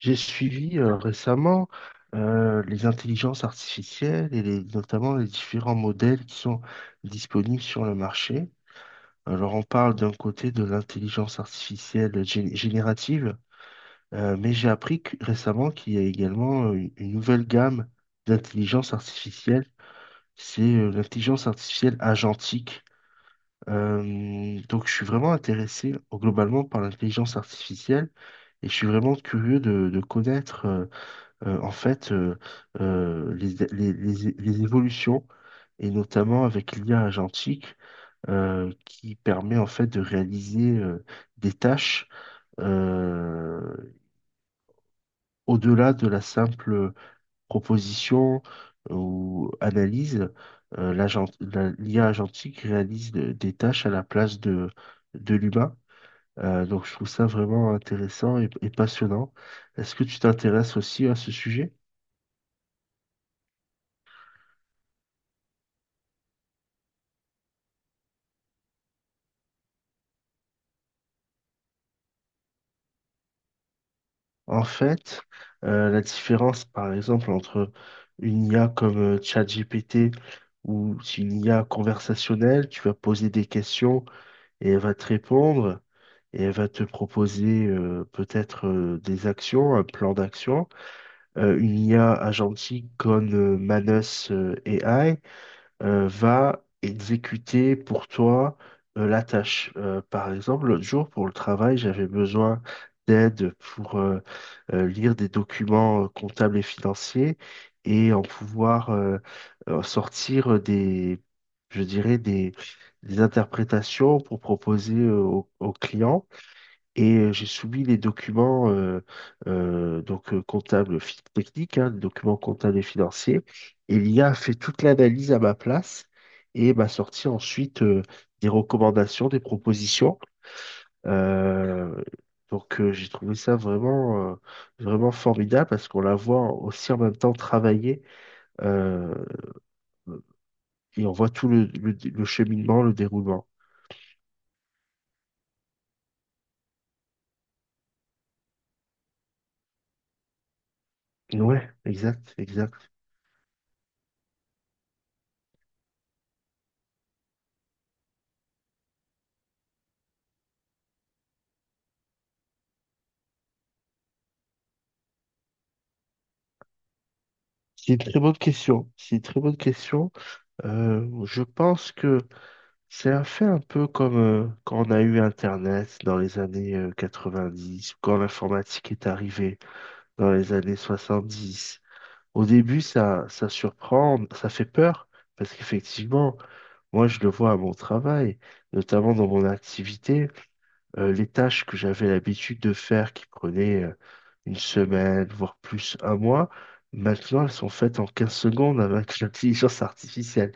J'ai suivi récemment les intelligences artificielles notamment les différents modèles qui sont disponibles sur le marché. Alors on parle d'un côté de l'intelligence artificielle générative, mais j'ai appris récemment qu'il y a également une nouvelle gamme d'intelligence artificielle. C'est l'intelligence artificielle agentique. Donc je suis vraiment intéressé globalement par l'intelligence artificielle et je suis vraiment curieux de connaître en fait, les évolutions, et notamment avec l'IA agentique, qui permet en fait de réaliser des tâches euh, au-delà de la simple proposition ou analyse. L'IA agentique réalise des tâches à la place de l'humain. Donc je trouve ça vraiment intéressant et passionnant. Est-ce que tu t'intéresses aussi à ce sujet? En fait, la différence, par exemple, entre une IA comme ChatGPT ou une IA conversationnelle, tu vas poser des questions et elle va te répondre et elle va te proposer peut-être des actions, un plan d'action. Une IA agentique comme Manus AI, va exécuter pour toi la tâche. Par exemple, l'autre jour, pour le travail, j'avais besoin d'aide pour lire des documents comptables et financiers et en pouvoir sortir je dirais, des interprétations pour proposer au client. Et j'ai soumis les documents comptables techniques, hein, les documents comptables et financiers. Et l'IA a fait toute l'analyse à ma place et m'a sorti ensuite des recommandations, des propositions. Euh, j'ai trouvé ça vraiment, vraiment formidable parce qu'on la voit aussi en même temps travailler euh, et on voit tout le cheminement, le déroulement. Ouais, exact, exact. C'est une très bonne question. C'est une très bonne question. Je pense que c'est un fait un peu comme quand on a eu Internet dans les années 90, quand l'informatique est arrivée dans les années 70. Au début, ça surprend, ça fait peur, parce qu'effectivement, moi je le vois à mon travail, notamment dans mon activité les tâches que j'avais l'habitude de faire qui prenaient une semaine, voire plus un mois, maintenant elles sont faites en 15 secondes avec l'intelligence artificielle.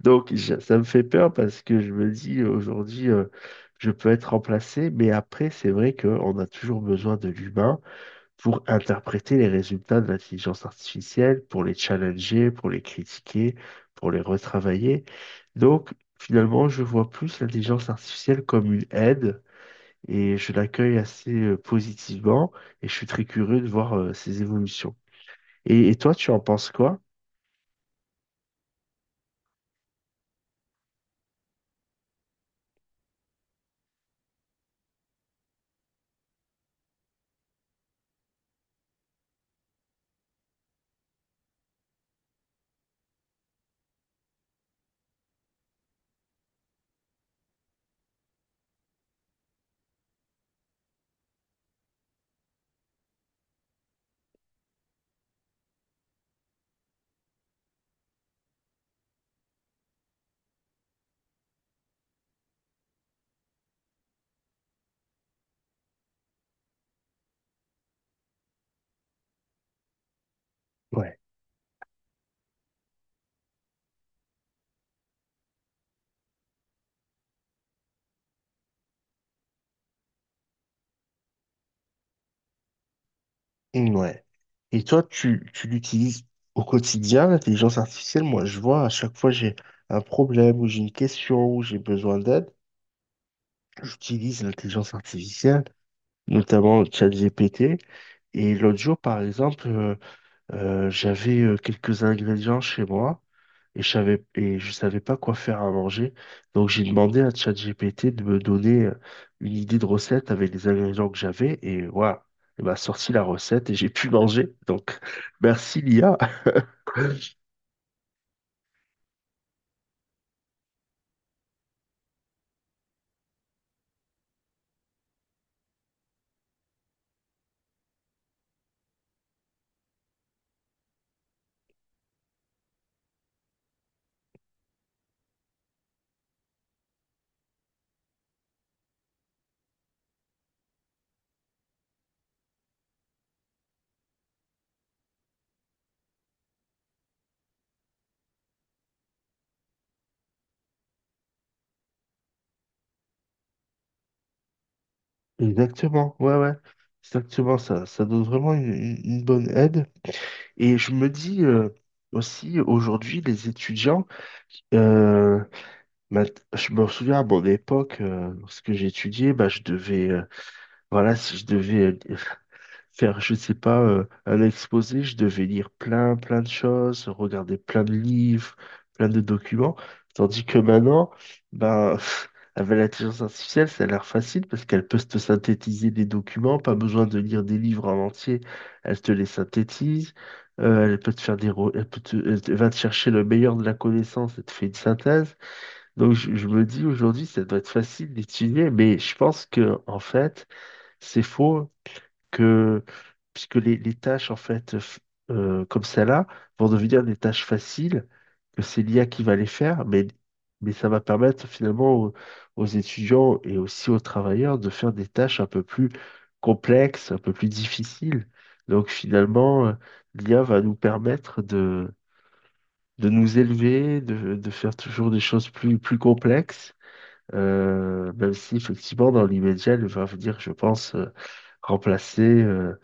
Ça me fait peur parce que je me dis aujourd'hui, je peux être remplacé, mais après c'est vrai qu'on a toujours besoin de l'humain pour interpréter les résultats de l'intelligence artificielle, pour les challenger, pour les critiquer, pour les retravailler. Donc finalement, je vois plus l'intelligence artificielle comme une aide et je l'accueille assez positivement et je suis très curieux de voir ses évolutions. Et toi, tu en penses quoi? Ouais. Mm, ouais. Et toi, tu l'utilises au quotidien, l'intelligence artificielle? Moi, je vois à chaque fois j'ai un problème ou j'ai une question ou j'ai besoin d'aide, j'utilise l'intelligence artificielle, notamment ChatGPT. Et l'autre jour, par exemple, j'avais quelques ingrédients chez moi et je savais pas quoi faire à manger. Donc j'ai demandé à ChatGPT de me donner une idée de recette avec les ingrédients que j'avais et voilà, il m'a sorti la recette et j'ai pu manger. Donc merci l'IA. Exactement, ouais, ouais, exactement ça. Ça donne vraiment une bonne aide. Et je me dis aussi aujourd'hui, les étudiants, euh, je me souviens à mon époque, lorsque j'étudiais, bah, je devais. Voilà, si je devais faire, je sais pas, un exposé, je devais lire plein, plein de choses, regarder plein de livres, plein de documents. Tandis que maintenant, ben, avec l'intelligence artificielle, ça a l'air facile parce qu'elle peut te synthétiser des documents, pas besoin de lire des livres en entier. Elle te les synthétise, elle peut te- elle te- va te chercher le meilleur de la connaissance et te fait une synthèse. Donc, je me dis aujourd'hui, ça doit être facile d'étudier, mais je pense que, en fait, c'est faux que puisque les tâches en fait comme celle-là vont devenir des tâches faciles que c'est l'IA qui va les faire, mais ça va permettre finalement aux étudiants et aussi aux travailleurs de faire des tâches un peu plus complexes, un peu plus difficiles. Donc finalement, l'IA va nous permettre de nous élever, de faire toujours des choses plus complexes. Même si effectivement dans l'immédiat, elle va venir, je pense, remplacer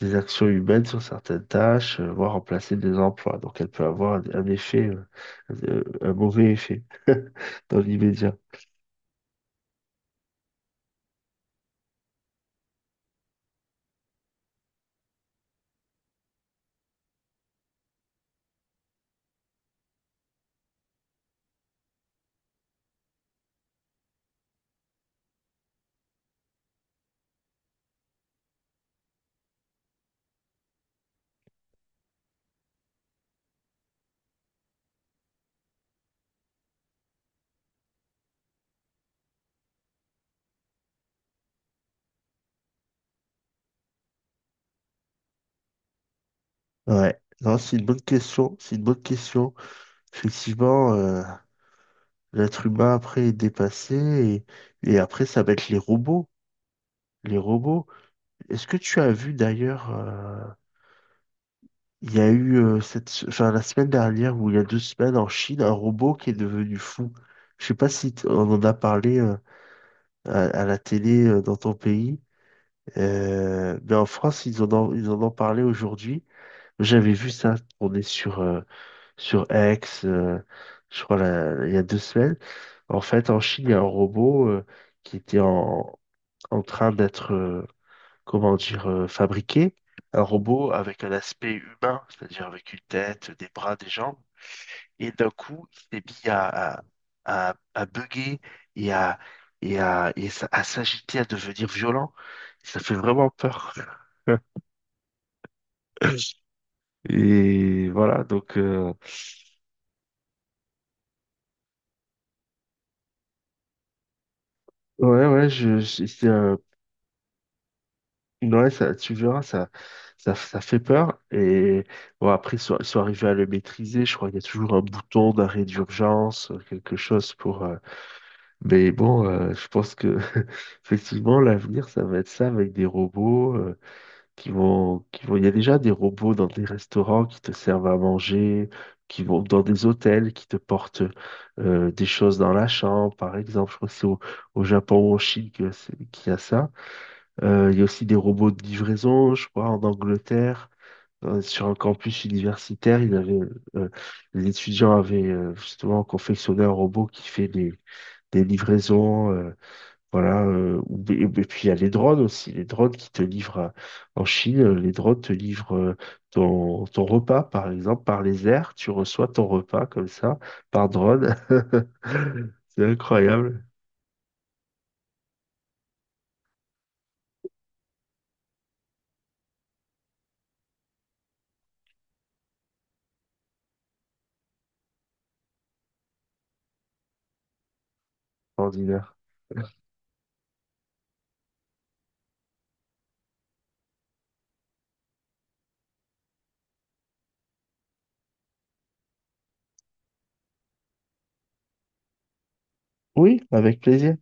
des actions humaines sur certaines tâches, voire remplacer des emplois. Donc elle peut avoir un effet, un mauvais effet dans l'immédiat. Ouais, non, c'est une bonne question, c'est une bonne question. Effectivement, l'être humain après est dépassé et après ça va être les robots. Les robots. Est-ce que tu as vu d'ailleurs, il y a eu enfin, la semaine dernière ou il y a 2 semaines en Chine, un robot qui est devenu fou. Je sais pas si on en a parlé à la télé dans ton pays. Mais en France, ils en ont parlé aujourd'hui. J'avais vu ça tourner sur X, je crois, il y a 2 semaines. En fait, en Chine, il y a un robot qui était en train d'être, comment dire, fabriqué. Un robot avec un aspect humain, c'est-à-dire avec une tête, des bras, des jambes. Et d'un coup, il s'est mis à bugger et à, et à, à s'agiter, à devenir violent. Ça fait vraiment peur. Et voilà, donc, ouais, ouais, c'est, ouais, ça, tu verras, ça fait peur. Et bon, après, ils sont arrivés à le maîtriser. Je crois qu'il y a toujours un bouton d'arrêt d'urgence, quelque chose pour. Mais bon, je pense que, effectivement, l'avenir, ça va être ça avec des robots. Il y a déjà des robots dans des restaurants qui te servent à manger, qui vont dans des hôtels qui te portent des choses dans la chambre, par exemple. Je crois que c'est au Japon ou en Chine qu'il y a ça. Il y a aussi des robots de livraison, je crois, en Angleterre. Sur un campus universitaire, euh, les étudiants avaient justement confectionné un robot qui fait des livraisons. Voilà, et puis il y a les drones aussi, les drones qui te livrent en Chine, les drones te livrent ton repas, par exemple, par les airs, tu reçois ton repas comme ça, par drone. C'est incroyable, ordinaire. Oui, avec plaisir.